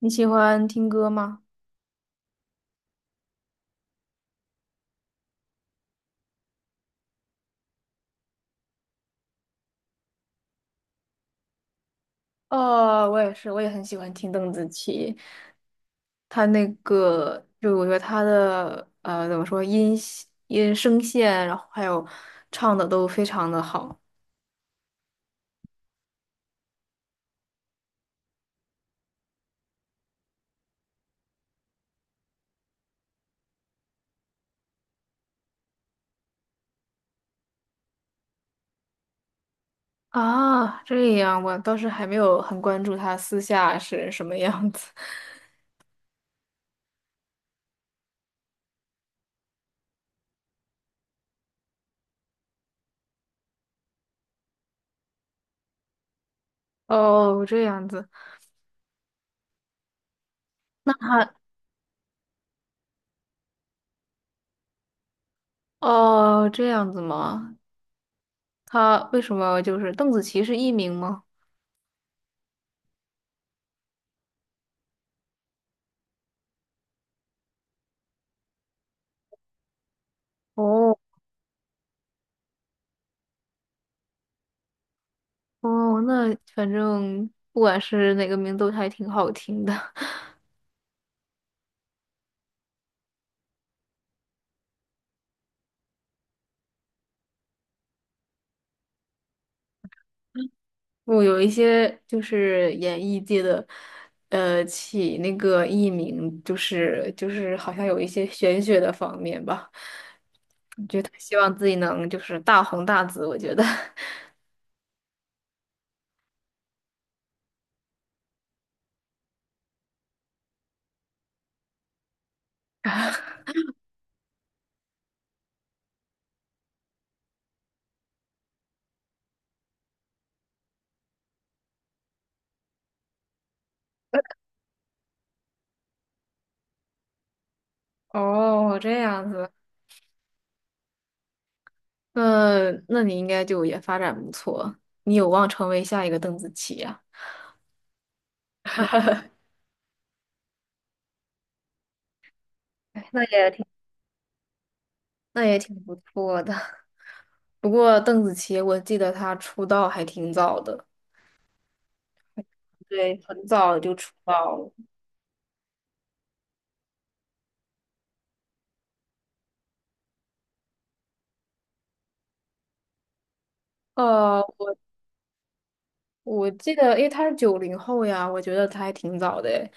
你喜欢听歌吗？哦，我也是，我也很喜欢听邓紫棋。她那个，就我觉得她的怎么说，音系音声线，然后还有唱的都非常的好啊。这样，我倒是还没有很关注她私下是什么样子。哦，这样子，那她哦，这样子吗？她为什么就是邓紫棋是艺名吗？哦。哦，那反正不管是哪个名都还挺好听的。我有一些就是演艺界的，起那个艺名，就是好像有一些玄学的方面吧，希望自己能就是大红大紫。我觉得，哦，这样子，那你应该就也发展不错，你有望成为下一个邓紫棋呀。啊。那也挺那也挺不错的。不过邓紫棋，我记得她出道还挺早的，对，很早就出道了。呃，我记得，因为她是九零后呀，我觉得她还挺早的诶。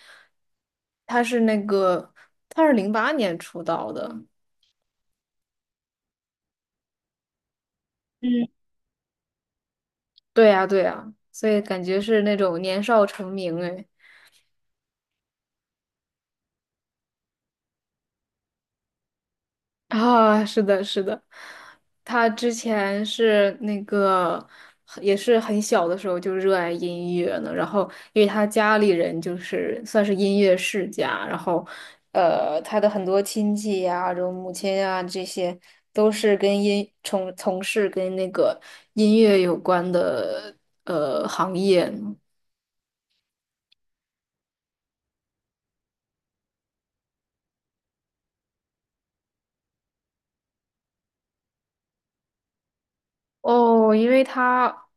她是那个，她是零八年出道的。嗯，对呀，对呀，所以感觉是那种年少成名哎。啊，是的，是的，他之前是那个，也是很小的时候就热爱音乐呢。然后，因为他家里人就是算是音乐世家，然后，他的很多亲戚呀、然后母亲呀、这些都是跟音从从事跟那个音乐有关的行业。哦，因为他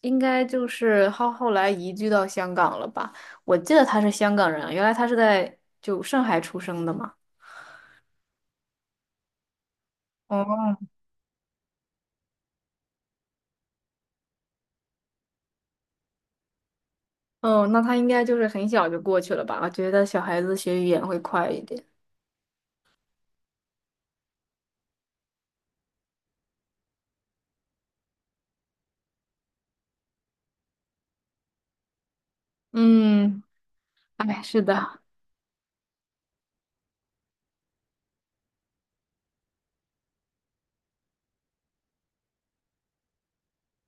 应该就是后来移居到香港了吧？我记得他是香港人啊，原来他是在就上海出生的嘛。哦，哦，那他应该就是很小就过去了吧？我觉得小孩子学语言会快一点。嗯，哎，是的。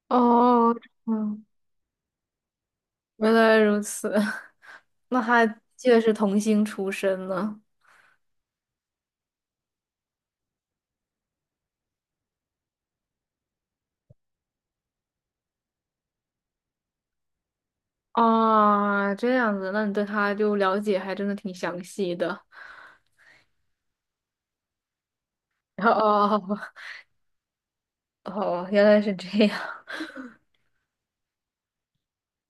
哦，嗯，原来如此。那他记得是童星出身呢。啊，这样子，那你对他就了解还真的挺详细的。哦。哦，原来是这样。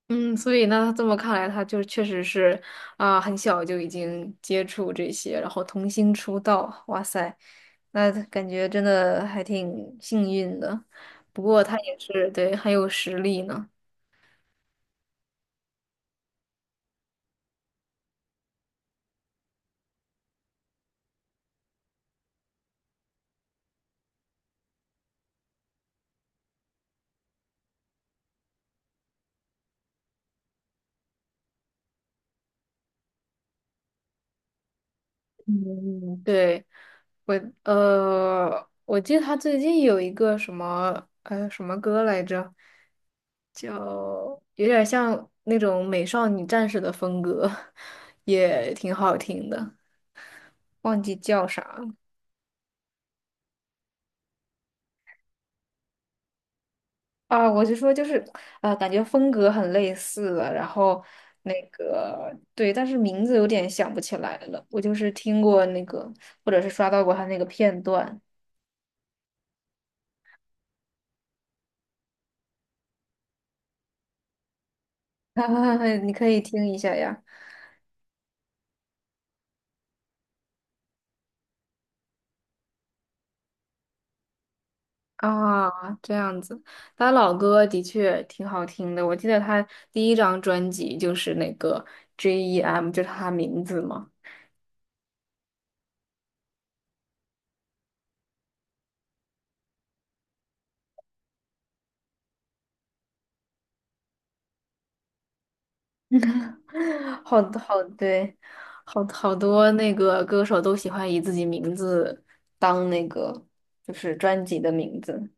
嗯，所以那这么看来，他就确实是啊，很小就已经接触这些，然后童星出道，哇塞，那感觉真的还挺幸运的。不过他也是对很有实力呢。嗯，对，我我记得他最近有一个什么什么歌来着，叫有点像那种美少女战士的风格，也挺好听的。忘记叫啥啊，我就说就是，感觉风格很类似了，然后那个对，但是名字有点想不起来了。我就是听过那个，或者是刷到过他那个片段，你可以听一下呀。啊，这样子，他老歌的确挺好听的。我记得他第一张专辑就是那个 J.E.M,就是他名字嘛。好好对，好好多那个歌手都喜欢以自己名字当那个就是专辑的名字，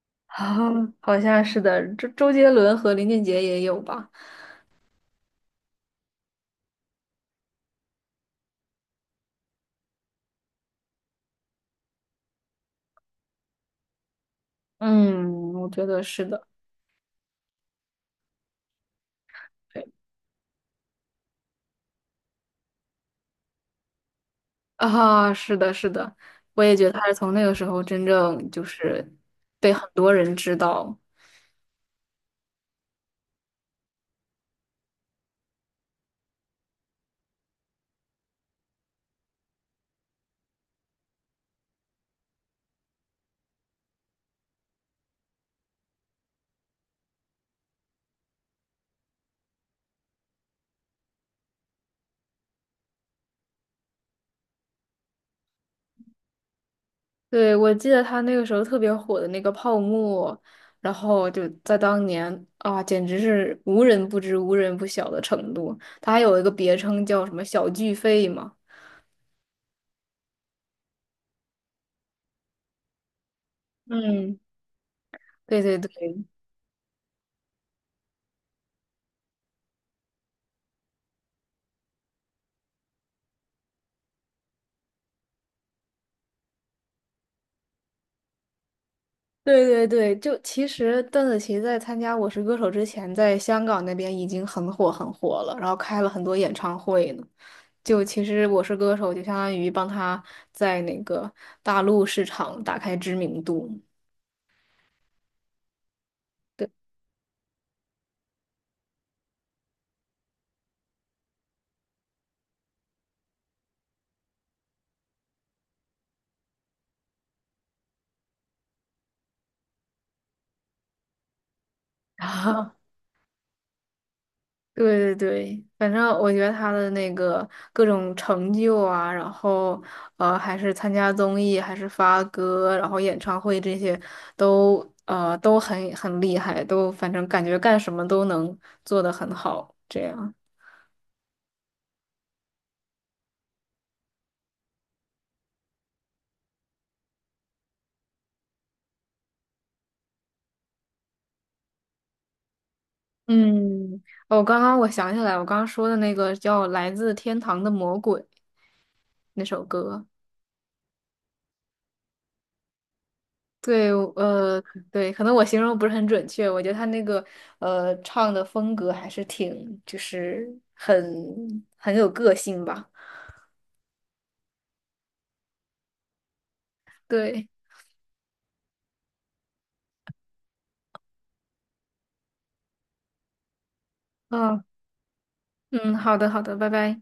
啊好像是的，周杰伦和林俊杰也有吧？嗯，我觉得是的，对啊，是的，是的，我也觉得他是从那个时候真正就是被很多人知道，对，我记得他那个时候特别火的那个泡沫，然后就在当年啊，简直是无人不知、无人不晓的程度。他还有一个别称叫什么“小巨肺”嘛。嗯，对对对对对对，就其实邓紫棋在参加《我是歌手》之前，在香港那边已经很火很火了，然后开了很多演唱会呢。就其实《我是歌手》就相当于帮她在那个大陆市场打开知名度。对。对对 对，反正我觉得他的那个各种成就啊，然后还是参加综艺，还是发歌，然后演唱会这些都都很很厉害，都反正感觉干什么都能做得很好，这样。嗯，哦，刚刚我想起来，我刚刚说的那个叫《来自天堂的魔鬼》那首歌。对，对，可能我形容不是很准确，我觉得他那个唱的风格还是挺，就是很很有个性吧。对，嗯嗯，好的好的，拜拜。